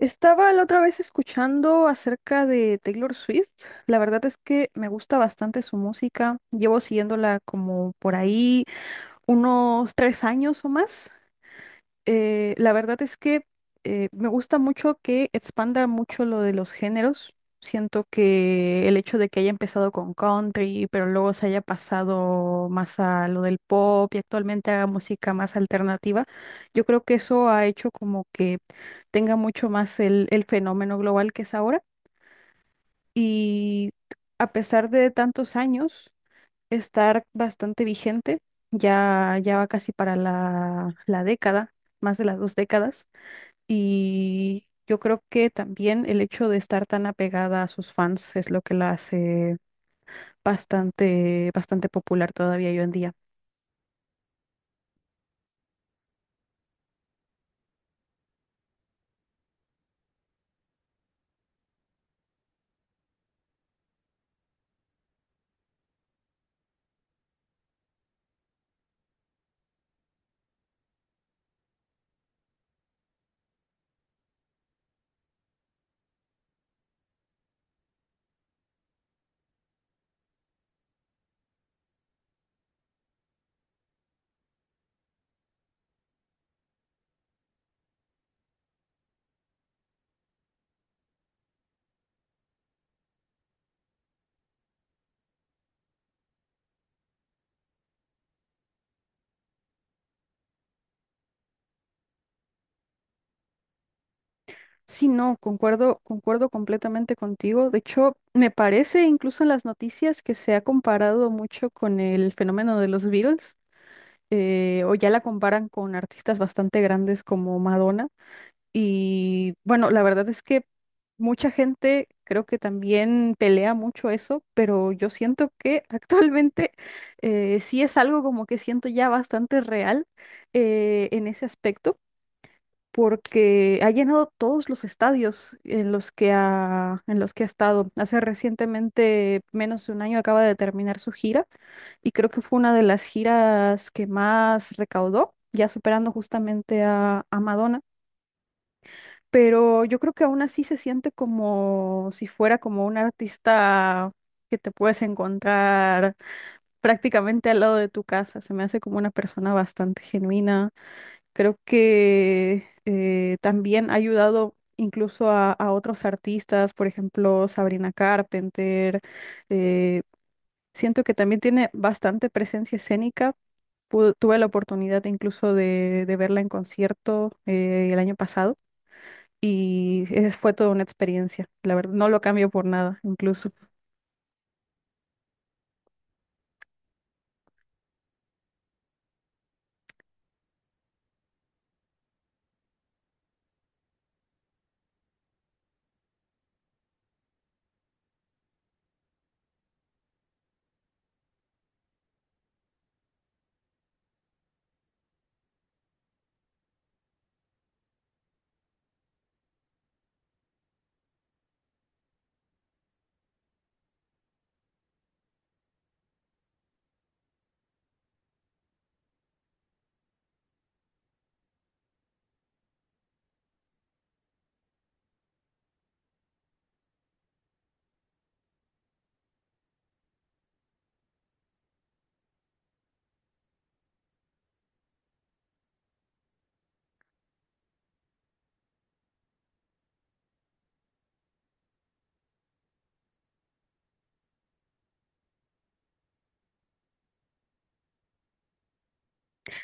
Estaba la otra vez escuchando acerca de Taylor Swift. La verdad es que me gusta bastante su música. Llevo siguiéndola como por ahí unos tres años o más. La verdad es que me gusta mucho que expanda mucho lo de los géneros. Siento que el hecho de que haya empezado con country, pero luego se haya pasado más a lo del pop y actualmente haga música más alternativa, yo creo que eso ha hecho como que tenga mucho más el fenómeno global que es ahora. Y a pesar de tantos años, estar bastante vigente, ya va casi para la década, más de las dos décadas. Y yo creo que también el hecho de estar tan apegada a sus fans es lo que la hace bastante, bastante popular todavía hoy en día. Sí, no, concuerdo, concuerdo completamente contigo. De hecho, me parece incluso en las noticias que se ha comparado mucho con el fenómeno de los Beatles, o ya la comparan con artistas bastante grandes como Madonna. Y bueno, la verdad es que mucha gente creo que también pelea mucho eso, pero yo siento que actualmente sí es algo como que siento ya bastante real en ese aspecto, porque ha llenado todos los estadios en los que ha estado. Hace recientemente, menos de un año, acaba de terminar su gira y creo que fue una de las giras que más recaudó, ya superando justamente a Madonna, pero yo creo que aún así se siente como si fuera como un artista que te puedes encontrar prácticamente al lado de tu casa. Se me hace como una persona bastante genuina. Creo que también ha ayudado incluso a otros artistas, por ejemplo, Sabrina Carpenter. eh, Siento que también tiene bastante presencia escénica. Tuve la oportunidad incluso de verla en concierto el año pasado. Y fue toda una experiencia, la verdad, no lo cambio por nada, incluso.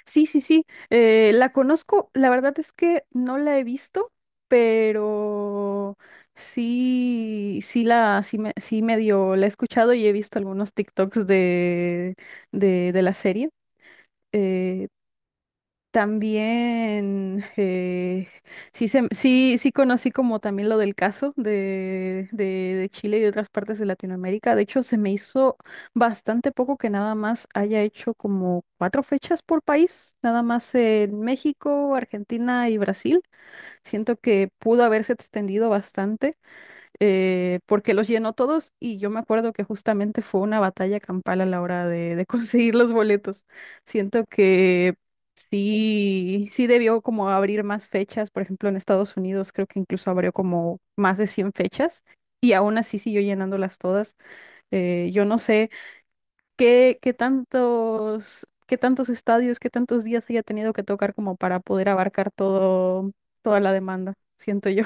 Sí, sí, sí, la conozco, la verdad es que no la he visto, pero sí, sí medio la he escuchado y he visto algunos TikToks de la serie. eh, También, sí, sí, sí conocí como también lo del caso de Chile y de otras partes de Latinoamérica. De hecho, se me hizo bastante poco que nada más haya hecho como cuatro fechas por país, nada más en México, Argentina y Brasil. Siento que pudo haberse extendido bastante, porque los llenó todos y yo me acuerdo que justamente fue una batalla campal a la hora de conseguir los boletos. Siento que sí, debió como abrir más fechas, por ejemplo en Estados Unidos creo que incluso abrió como más de 100 fechas y aún así siguió llenándolas todas. Yo no sé qué, qué tantos estadios, qué tantos días haya tenido que tocar como para poder abarcar todo, toda la demanda, siento yo.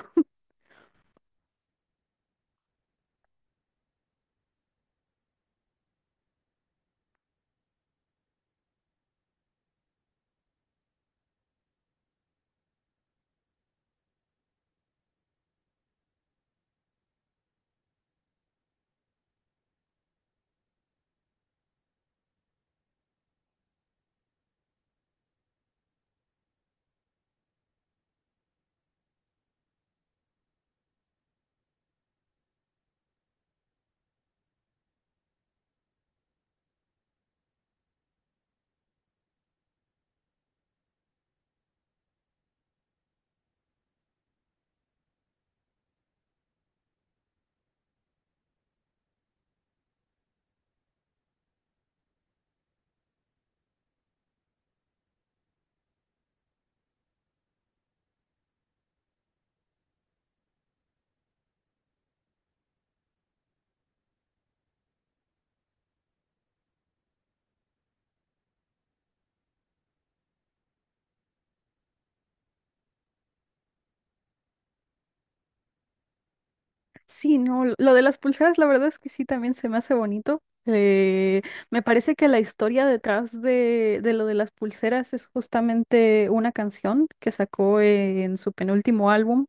Sí, no, lo de las pulseras, la verdad es que sí, también se me hace bonito. Eh, me parece que la historia detrás de lo de las pulseras es justamente una canción que sacó en su penúltimo álbum,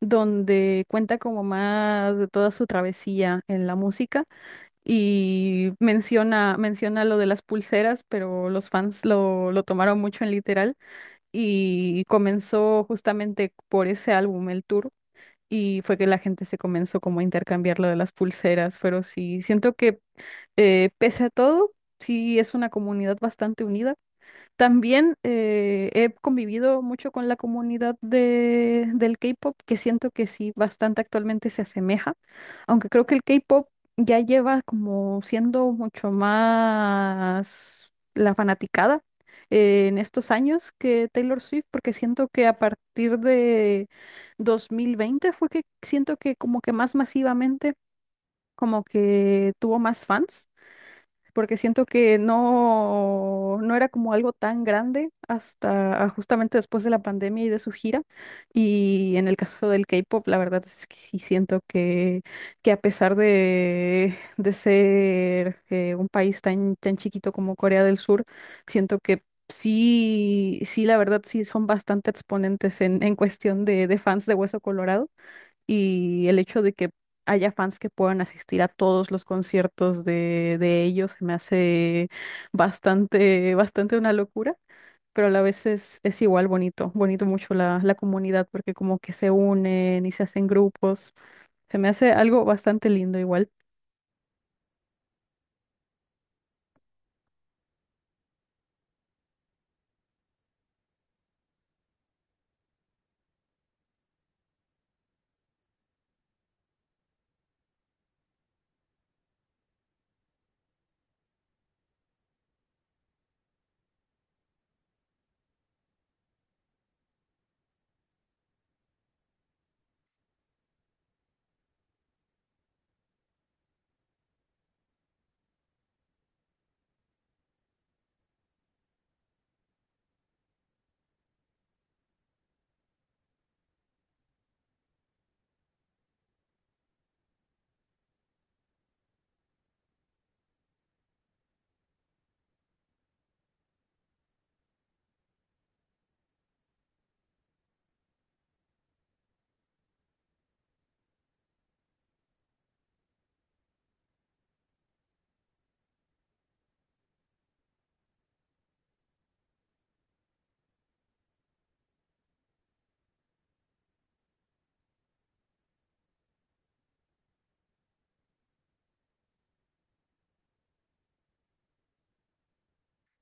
donde cuenta como más de toda su travesía en la música y menciona, menciona lo de las pulseras, pero los fans lo tomaron mucho en literal y comenzó justamente por ese álbum, el tour, y fue que la gente se comenzó como a intercambiar lo de las pulseras, pero sí, siento que, pese a todo, sí es una comunidad bastante unida. También, he convivido mucho con la comunidad del K-pop, que siento que sí, bastante actualmente se asemeja, aunque creo que el K-pop ya lleva como siendo mucho más la fanaticada en estos años que Taylor Swift, porque siento que a partir de 2020 fue que siento que como que más masivamente como que tuvo más fans, porque siento que no, no era como algo tan grande hasta ah, justamente después de la pandemia y de su gira. Y en el caso del K-pop, la verdad es que sí siento que a pesar de ser un país tan, tan chiquito como Corea del Sur, siento que sí, sí, la verdad sí son bastante exponentes en cuestión de fans de Hueso Colorado, y el hecho de que haya fans que puedan asistir a todos los conciertos de ellos se me hace bastante, bastante una locura, pero a la vez es igual bonito, bonito mucho la comunidad porque como que se unen y se hacen grupos, se me hace algo bastante lindo igual.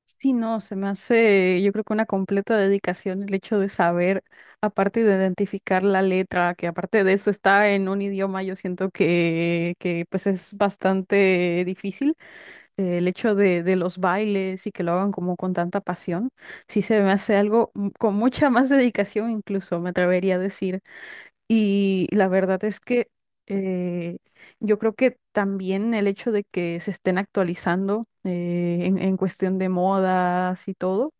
Sí, no, se me hace, yo creo que una completa dedicación el hecho de saber, aparte de identificar la letra, que aparte de eso está en un idioma, yo siento que pues es bastante difícil, el hecho de los bailes y que lo hagan como con tanta pasión, sí se me hace algo con mucha más dedicación incluso, me atrevería a decir. Y la verdad es que, eh, yo creo que también el hecho de que se estén actualizando en cuestión de modas y todo.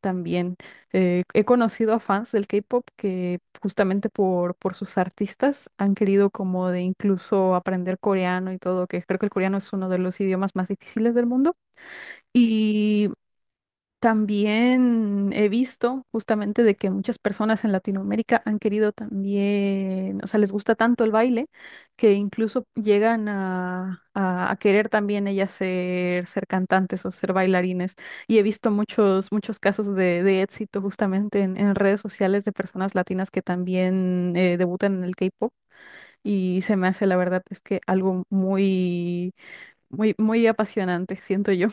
También, he conocido a fans del K-pop que justamente por sus artistas han querido como de incluso aprender coreano y todo, que creo que el coreano es uno de los idiomas más difíciles del mundo. Y también he visto justamente de que muchas personas en Latinoamérica han querido también, o sea, les gusta tanto el baile que incluso llegan a, a querer también ellas ser, ser cantantes o ser bailarines. Y he visto muchos, muchos casos de éxito justamente en redes sociales de personas latinas que también, debutan en el K-pop. Y se me hace, la verdad, es que algo muy, muy, muy apasionante, siento yo.